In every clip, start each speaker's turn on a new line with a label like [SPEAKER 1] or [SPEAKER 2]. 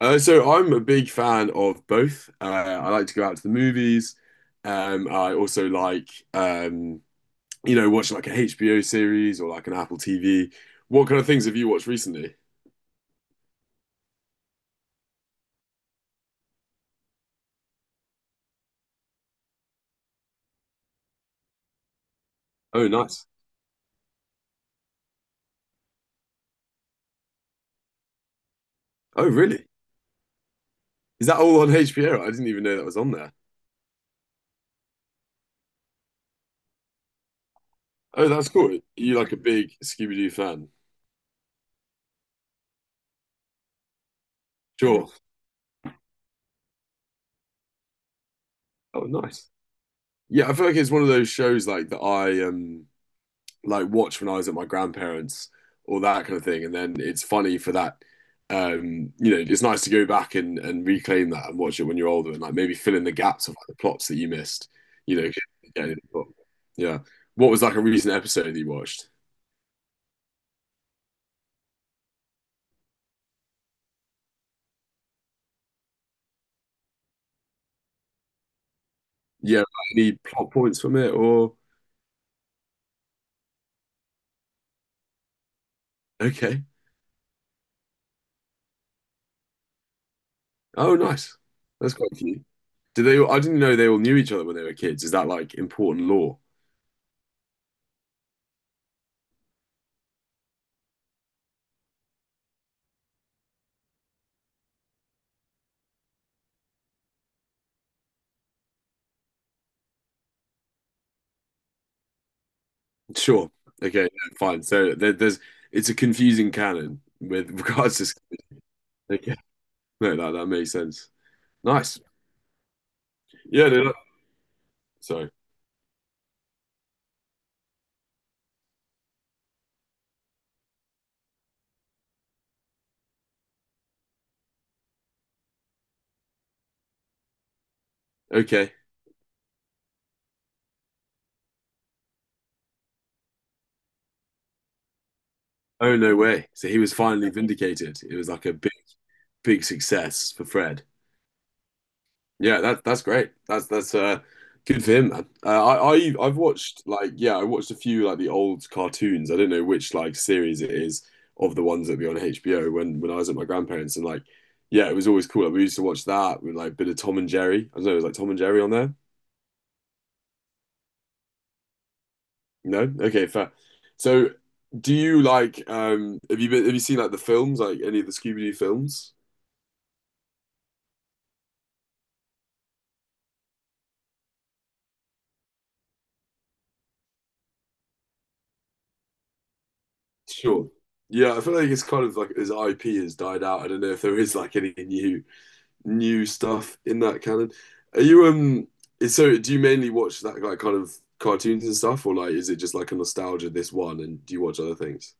[SPEAKER 1] So I'm a big fan of both. I like to go out to the movies. I also like, um, watch like a HBO series or like an Apple TV. What kind of things have you watched recently? Oh, nice. Oh, really? Is that all on HBO? I didn't even know that was on there. Oh, that's cool. Are you like a big Scooby-Doo fan? Sure. Oh, nice. Yeah, I feel like it's one of those shows like that I like watch when I was at my grandparents or that kind of thing. And then it's funny for that. It's nice to go back and reclaim that and watch it when you're older and like maybe fill in the gaps of like, the plots that you missed. You know, yeah, yeah. What was like a recent episode that you watched? Yeah, like, any plot points from it or okay? Oh, nice. That's quite cute. Did they? I didn't know they all knew each other when they were kids. Is that like important law? Sure. Okay. Yeah, fine. So there's it's a confusing canon with regards to okay. No, that makes sense. Nice. Yeah, no, that- so okay. Oh no way. So he was finally vindicated. It was like a big big success for Fred. Yeah, that that's great. That's good for him, man. I've watched like yeah, I watched a few like the old cartoons. I don't know which like series it is of the ones that be on HBO when I was at my grandparents and like yeah, it was always cool. Like, we used to watch that with like a bit of Tom and Jerry. I don't know, it was like Tom and Jerry on there. No? Okay, fair. So do you like have you seen like the films, like any of the Scooby-Doo films? Sure. Yeah, I feel like it's kind of like his IP has died out. I don't know if there is like any new stuff in that canon. Are you so do you mainly watch that like kind of cartoons and stuff or like is it just like a nostalgia this one and do you watch other things?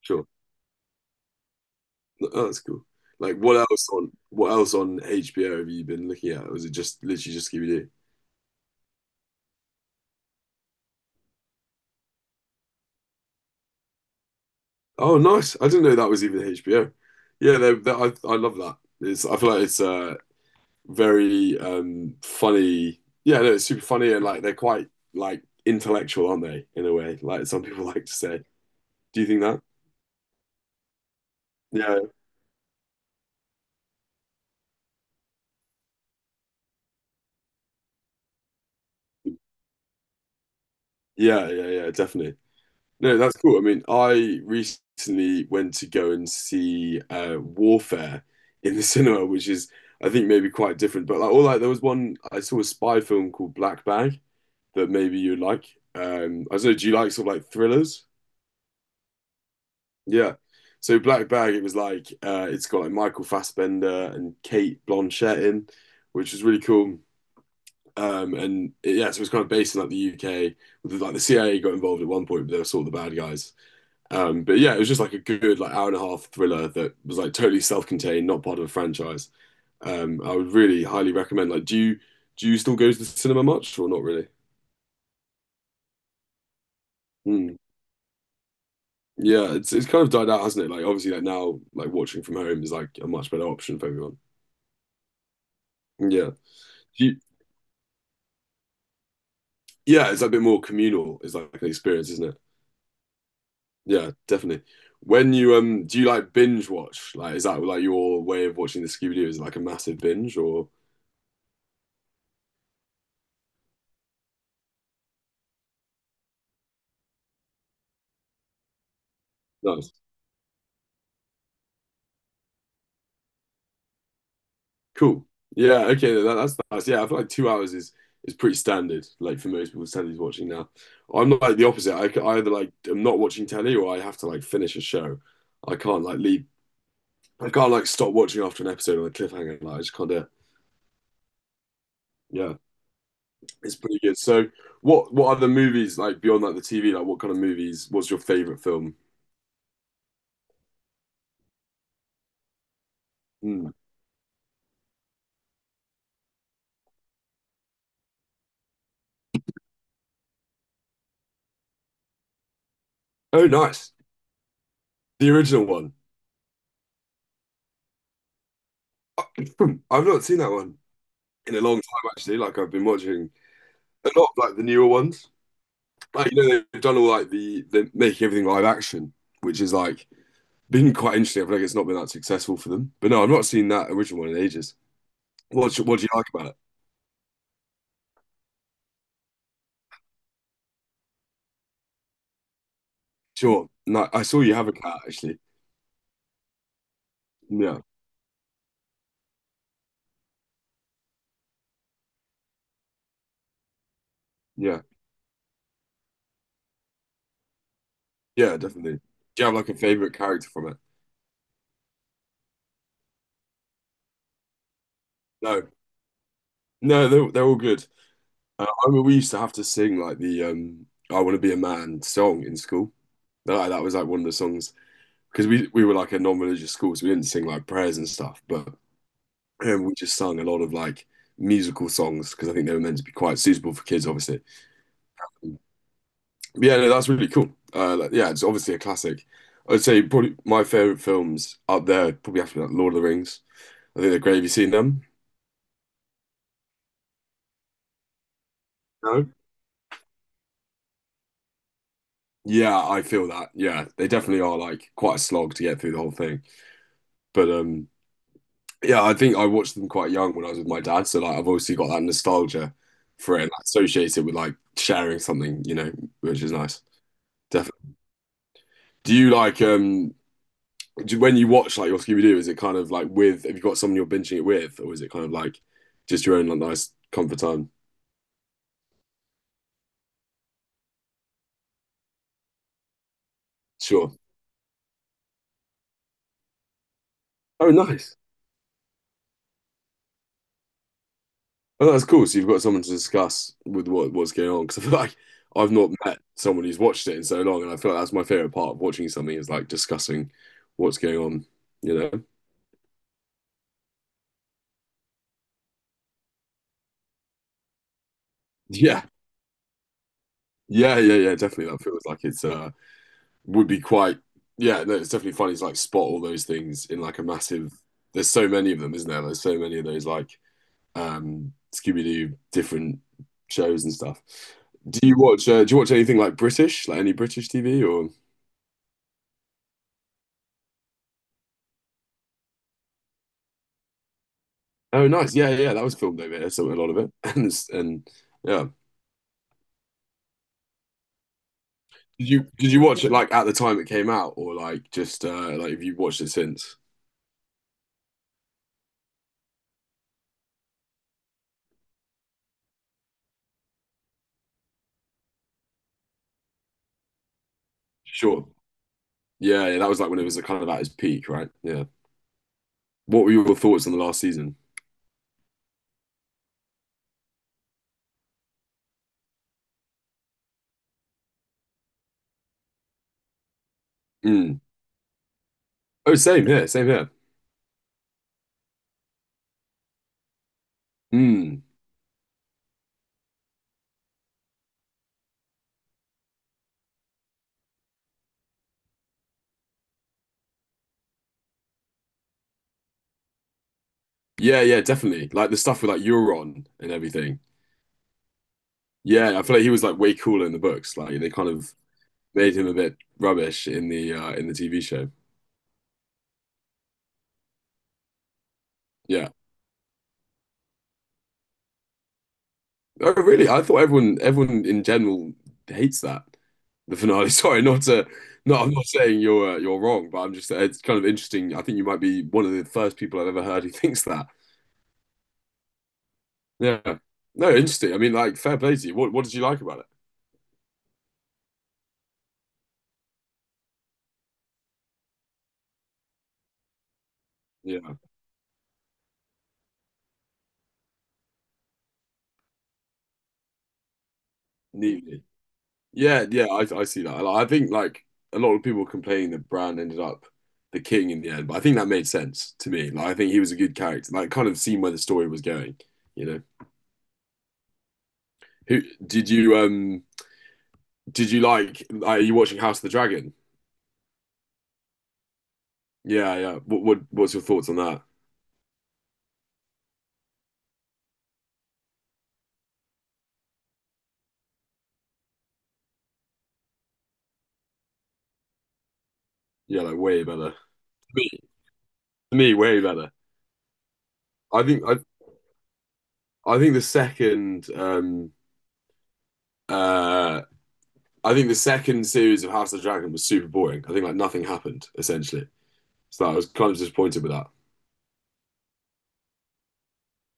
[SPEAKER 1] Sure. Oh, that's cool. Like what else on HBO have you been looking at? Or is it just literally just Scooby-Doo? Oh, nice. I didn't know that was even HBO. Yeah, they, I love that. It's I feel like it's very funny. Yeah, no, it's super funny and like they're quite like intellectual, aren't they? In a way, like some people like to say. Do you think that? Yeah, yeah, definitely. No, that's cool. I mean, I recently went to go and see Warfare in the cinema, which is I think maybe quite different, but like all like there was one I saw a spy film called Black Bag, that maybe you like. I don't know. Do you like sort of like thrillers? Yeah. So Black Bag, it was like it's got like Michael Fassbender and Kate Blanchett in, which was really cool. Yeah, so it was kind of based in like the UK. With, like the CIA got involved at one point, but they were sort of the bad guys. But yeah, it was just like a good like hour and a half thriller that was like totally self-contained, not part of a franchise. I would really highly recommend. Like, do you still go to the cinema much or not really? Hmm. Yeah, it's kind of died out, hasn't it? Like obviously, like now, like watching from home is like a much better option for everyone. Yeah, you, yeah, it's a bit more communal. It's like an experience, isn't it? Yeah, definitely. When you do you like binge watch? Like, is that like your way of watching the Scooby Doo? Is it like a massive binge or nice? Cool. Yeah. Okay. That's yeah. I feel like 2 hours is pretty standard. Like for most people, telly's watching now. I'm like the opposite. I either like I'm not watching telly or I have to like finish a show. I can't like leave I can't like stop watching after an episode on a cliffhanger. Like I just can't do it. Yeah, it's pretty good. So, what other movies like beyond like the TV? Like, what kind of movies was your favorite film? Hmm. Oh, nice, the original one. I've not seen that one in a long time actually. Like I've been watching a lot of, like the newer ones. Like you know they've done all like the making everything live action, which is like been quite interesting. I feel like it's not been that successful for them. But no, I've not seen that original one in ages. What do you like about it? Sure. No, I saw you have a cat actually. Yeah. Yeah, yeah, definitely. Do you have like a favorite character from it? No, no, they're all good. I mean, we used to have to sing like the "I Want to Be a Man" song in school. That like, that was like one of the songs because we were like a non-religious school, so we didn't sing like prayers and stuff, but we just sung a lot of like musical songs because I think they were meant to be quite suitable for kids, obviously. But yeah, no, that's really cool. Like, yeah, it's obviously a classic. I'd say probably my favorite films up there probably have to be like Lord of the Rings. I think they're great. Have you seen them? No. Yeah, I feel that. Yeah, they definitely are like quite a slog to get through the whole thing. But yeah, I think I watched them quite young when I was with my dad, so like I've obviously got that nostalgia for it and I associate it with like sharing something, which is nice. Definitely. Do you like when you watch like your Scooby Doo, is it kind of like with have you got someone you're binging it with, or is it kind of like just your own like nice comfort time? Sure. Oh, nice. Oh, that's cool. So you've got someone to discuss with what's going on because I feel like I've not met someone who's watched it in so long, and I feel like that's my favorite part of watching something is like discussing what's going on. You know? Yeah, yeah. Definitely, that feels like it's would be quite. Yeah, no, it's definitely funny to like spot all those things in like a massive. There's so many of them, isn't there? There's so many of those like Scooby-Doo different shows and stuff. Do you watch? Do you watch anything like British, like any British TV or? Oh, nice. Yeah, that was filmed over here, so a lot of it. And it's, and yeah. Did you watch it like at the time it came out or like just like have you watched it since? Sure. Yeah, yeah, that was like when it was kind of at its peak, right? Yeah. What were your thoughts on the last season? Mm. Oh, same here, same here. Mm. Yeah, yeah, definitely. Like the stuff with like Euron and everything. Yeah, I feel like he was like way cooler in the books. Like they kind of made him a bit rubbish in the TV show. Yeah. Oh, really? I thought everyone in general hates that. The finale. Sorry, not to, no, I'm not saying you're wrong, but I'm just it's kind of interesting. I think you might be one of the first people I've ever heard who thinks that. Yeah. No, interesting. I mean, like, fair play to you. What did you like about it? Yeah, neatly. Yeah, yeah, I see that. I think like a lot of people complain that Bran ended up the king in the end, but I think that made sense to me. Like, I think he was a good character. Like, kind of seen where the story was going. You know, who did you Are you watching House of the Dragon? Yeah, yeah. What what's your thoughts on that? Yeah, like way better. me, me, way better. I think I I think the second um uh I think the second series of House of the Dragon was super boring. I think like nothing happened essentially. So I was kind of disappointed with that.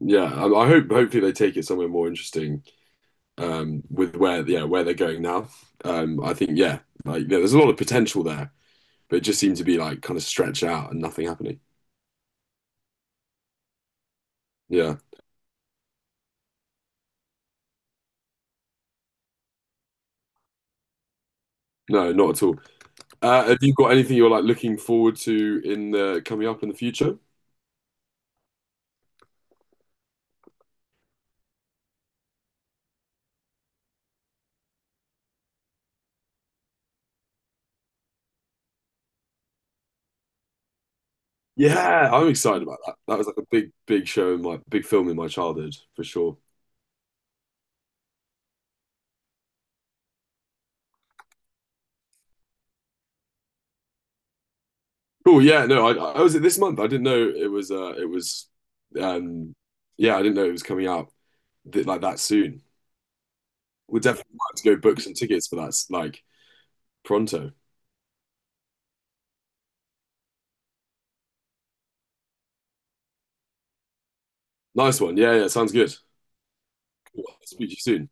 [SPEAKER 1] Yeah, I hope hopefully they take it somewhere more interesting with where they're going now. I think yeah, yeah, there's a lot of potential there, but it just seemed to be like kind of stretched out and nothing happening. Yeah. No, not at all. Have you got anything you're like looking forward to in the coming up in the future? Yeah, I'm excited about that. That was like a big, big show in my big film in my childhood for sure. Cool. Yeah, no, I was it this month. I didn't know it was. It was. Um, yeah, I didn't know it was coming out like that soon. We'll definitely have to go book some tickets for that. Like pronto. Nice one. Yeah, yeah, sounds good. Cool. I'll speak to you soon.